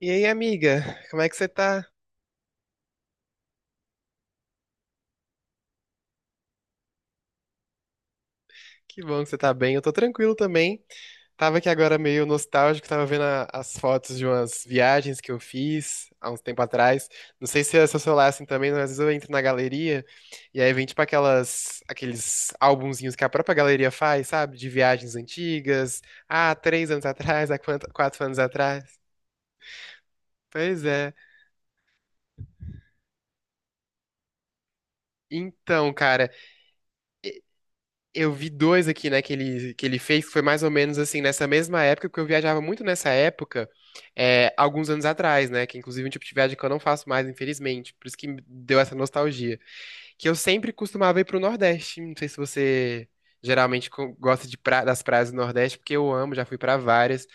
E aí, amiga, como é que você tá? Que bom que você tá bem, eu tô tranquilo também. Tava aqui agora meio nostálgico, tava vendo as fotos de umas viagens que eu fiz há uns tempo atrás. Não sei se é seu celular assim também, mas às vezes eu entro na galeria e aí vem tipo aquelas, aqueles álbumzinhos que a própria galeria faz, sabe? De viagens antigas, ah, 3 anos atrás, 4 anos atrás. Pois é. Então, cara. Eu vi dois aqui, né, que ele fez, que foi mais ou menos assim, nessa mesma época, porque eu viajava muito nessa época, é, alguns anos atrás, né, que inclusive é um tipo de viagem que eu não faço mais, infelizmente, por isso que me deu essa nostalgia, que eu sempre costumava ir pro Nordeste, não sei se você geralmente gosta das praias do Nordeste, porque eu amo, já fui pra várias.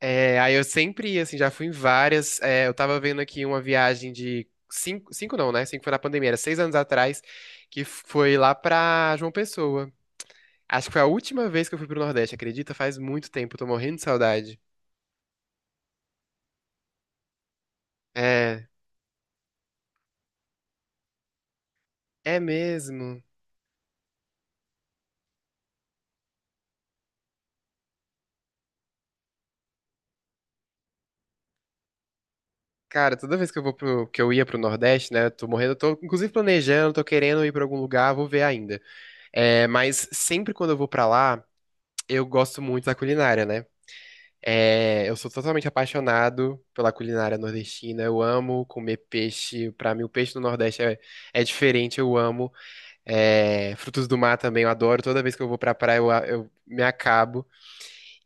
É, aí eu sempre ia, assim, já fui em várias. É, eu tava vendo aqui uma viagem de cinco, cinco não, né, cinco foi na pandemia, era 6 anos atrás, que foi lá pra João Pessoa. Acho que foi a última vez que eu fui pro Nordeste, acredita? Faz muito tempo, tô morrendo de saudade. É, é mesmo. Cara, toda vez que eu vou pro, que eu ia pro Nordeste, né, tô morrendo, tô inclusive planejando, tô querendo ir pra algum lugar, vou ver ainda. É, mas sempre quando eu vou pra lá, eu gosto muito da culinária, né? É, eu sou totalmente apaixonado pela culinária nordestina. Eu amo comer peixe. Pra mim, o peixe do Nordeste é, é diferente. Eu amo. É, frutos do mar também. Eu adoro. Toda vez que eu vou pra praia, eu me acabo.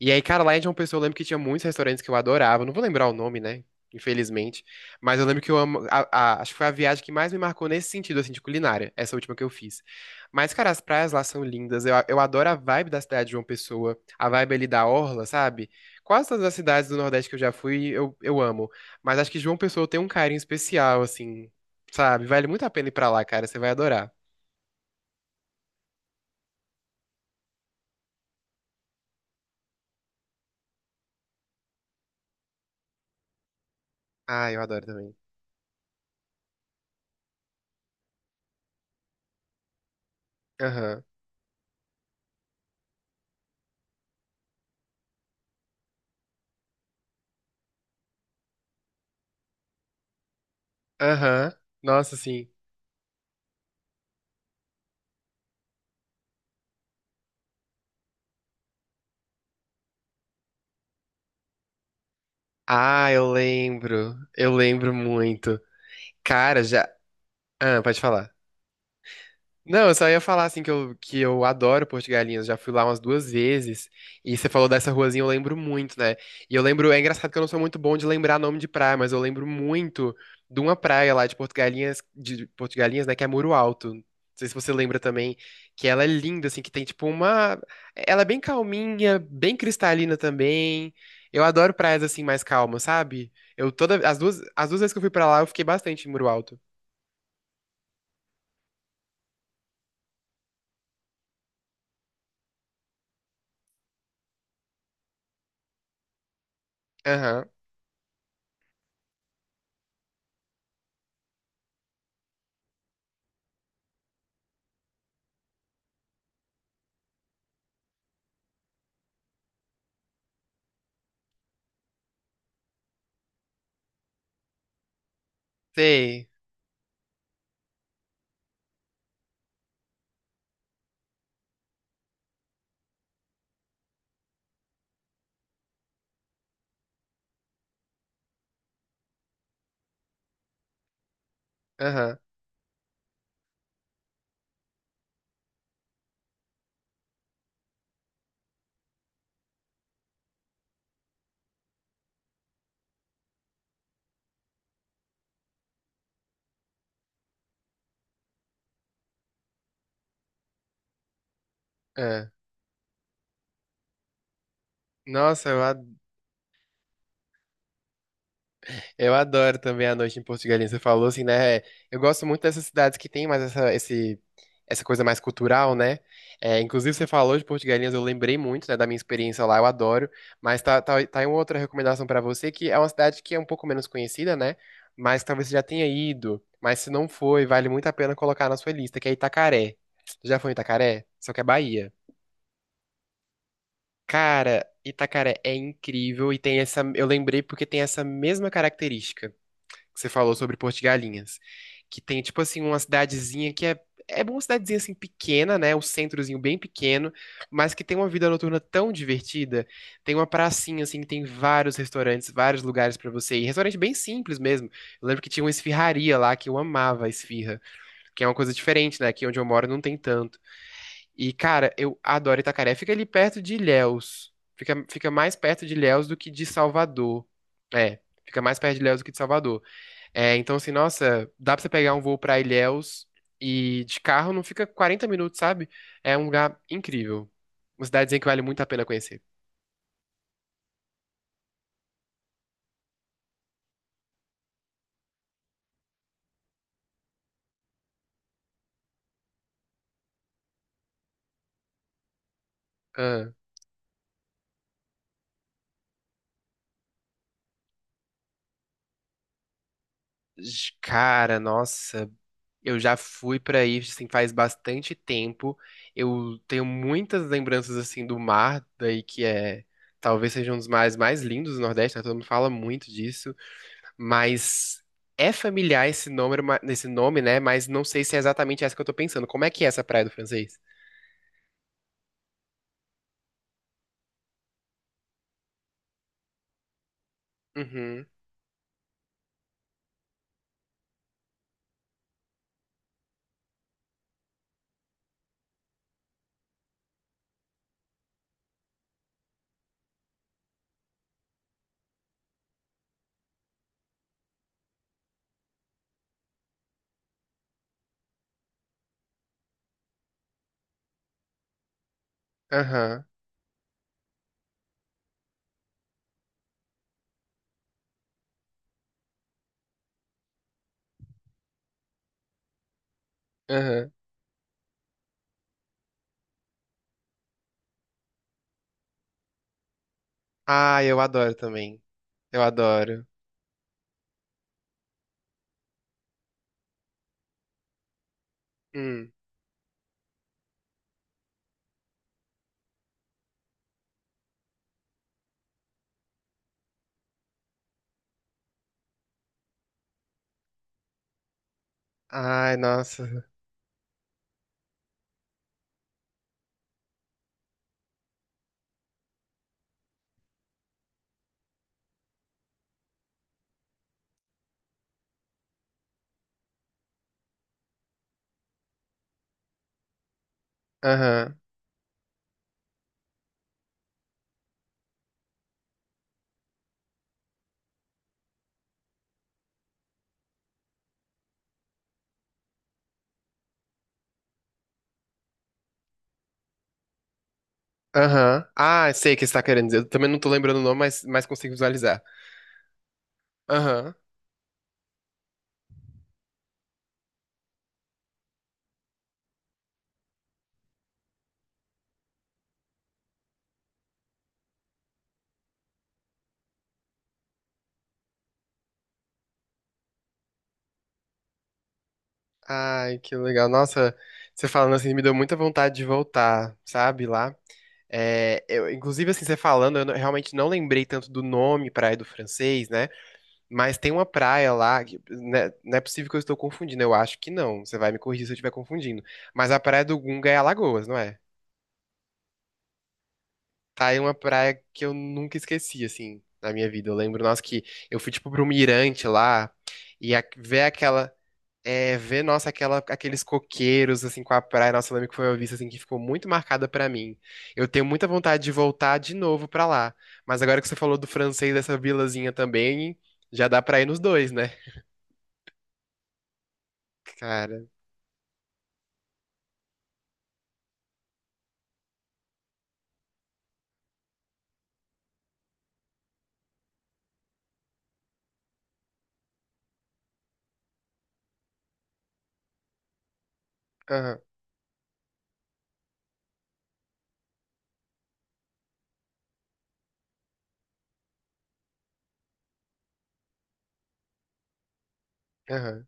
E aí, cara, lá em João Pessoa eu lembro que tinha muitos restaurantes que eu adorava. Não vou lembrar o nome, né? Infelizmente. Mas eu lembro que eu amo. Acho que foi a viagem que mais me marcou nesse sentido, assim, de culinária. Essa última que eu fiz. Mas, cara, as praias lá são lindas. Eu adoro a vibe da cidade de João Pessoa. A vibe ali da Orla, sabe? Quase todas as cidades do Nordeste que eu já fui, eu amo. Mas acho que João Pessoa tem um carinho especial, assim. Sabe? Vale muito a pena ir pra lá, cara. Você vai adorar. Ah, eu adoro também. Aham. Aham. Nossa, sim. Ah, eu lembro. Eu lembro muito. Cara, já. Ah, pode falar. Não, eu só ia falar assim que eu adoro Porto de Galinhas, já fui lá umas duas vezes, e você falou dessa ruazinha, eu lembro muito, né? E eu lembro, é engraçado que eu não sou muito bom de lembrar nome de praia, mas eu lembro muito de uma praia lá de Porto de Galinhas, de Porto de Galinhas, né, que é Muro Alto. Não sei se você lembra também, que ela é linda, assim, que tem tipo uma. Ela é bem calminha, bem cristalina também. Eu adoro praias assim mais calmas, sabe? Eu toda. As duas vezes que eu fui pra lá, eu fiquei bastante em Muro Alto. Aham, sei. Aham. É. Nossa, eu adoro também a noite em Porto de Galinhas. Você falou assim, né? Eu gosto muito dessas cidades que tem mais essa, esse, essa coisa mais cultural, né? É, inclusive, você falou de Porto de Galinhas, eu lembrei muito, né, da minha experiência lá, eu adoro. Mas tá aí uma outra recomendação pra você, que é uma cidade que é um pouco menos conhecida, né? Mas talvez você já tenha ido. Mas se não foi, vale muito a pena colocar na sua lista, que é Itacaré. Já foi em Itacaré? Só que é Bahia. Cara, Itacaré é incrível e tem essa. Eu lembrei porque tem essa mesma característica que você falou sobre Porto de Galinhas, que tem tipo assim uma cidadezinha que é é uma cidadezinha assim pequena, né, um centrozinho bem pequeno, mas que tem uma vida noturna tão divertida. Tem uma pracinha assim que tem vários restaurantes, vários lugares pra você ir. Restaurante bem simples mesmo. Eu lembro que tinha uma esfirraria lá que eu amava a esfirra, que é uma coisa diferente, né? Aqui onde eu moro não tem tanto. E cara, eu adoro Itacaré. Fica ali perto de Ilhéus. Fica mais perto de Ilhéus do que de Salvador. É, fica mais perto de Ilhéus do que de Salvador. É, então, assim, nossa, dá pra você pegar um voo pra Ilhéus e de carro não fica 40 minutos, sabe? É um lugar incrível. Uma cidadezinha que vale muito a pena conhecer. Ah, cara, nossa, eu já fui pra aí, assim, faz bastante tempo. Eu tenho muitas lembranças, assim, do mar, daí que é... Talvez seja um dos mares mais lindos do Nordeste, né? Todo mundo fala muito disso. Mas é familiar esse nome, né? Mas não sei se é exatamente essa que eu tô pensando. Como é que é essa Praia do Francês? Uhum. Aham. Aham. Ah, eu adoro também. Eu adoro. Hum. Ai, nossa. Aham. Aham. Ah, sei o que você tá querendo dizer. Eu também não tô lembrando o nome, mas consigo visualizar. Aham. Ai, que legal. Nossa, você falando assim me deu muita vontade de voltar, sabe, lá. É, eu, inclusive, assim, você falando, eu não- realmente não lembrei tanto do nome Praia do Francês, né? Mas tem uma praia lá, que, né, não é possível que eu estou confundindo, eu acho que não. Você vai me corrigir se eu estiver confundindo. Mas a Praia do Gunga é Alagoas, não é? Tá aí uma praia que eu nunca esqueci, assim, na minha vida. Eu lembro, nossa, que eu fui, tipo, pra um mirante lá ver aquela. É, ver, nossa, aquela, aqueles coqueiros, assim, com a praia. Nossa, eu lembro que foi uma vista, assim, que ficou muito marcada pra mim. Eu tenho muita vontade de voltar de novo pra lá. Mas agora que você falou do francês, dessa vilazinha também, já dá pra ir nos dois, né? Cara. Aham.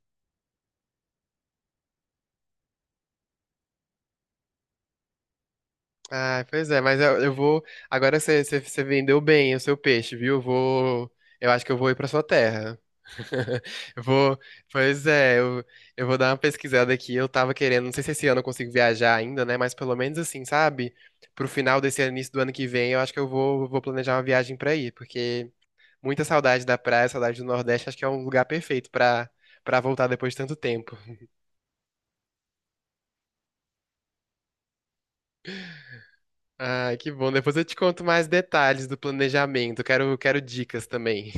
Ah, pois é, mas eu vou. Agora você vendeu bem o seu peixe, viu? Eu vou. Eu acho que eu vou ir pra sua terra. Eu vou. Pois é, eu vou dar uma pesquisada aqui. Eu tava querendo, não sei se esse ano eu consigo viajar ainda, né? Mas pelo menos assim, sabe? Pro final desse ano, início do ano que vem, eu acho que eu vou planejar uma viagem pra ir, porque muita saudade da praia, saudade do Nordeste, acho que é um lugar perfeito pra, pra voltar depois de tanto tempo. Ai, que bom. Depois eu te conto mais detalhes do planejamento. Quero dicas também.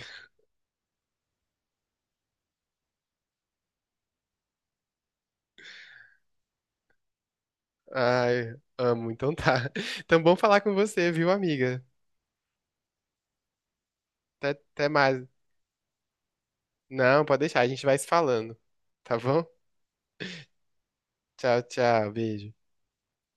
Ai, amo. Então tá. Então bom falar com você, viu, amiga? Até mais. Não, pode deixar, a gente vai se falando. Tá bom? Tchau, tchau. Beijo.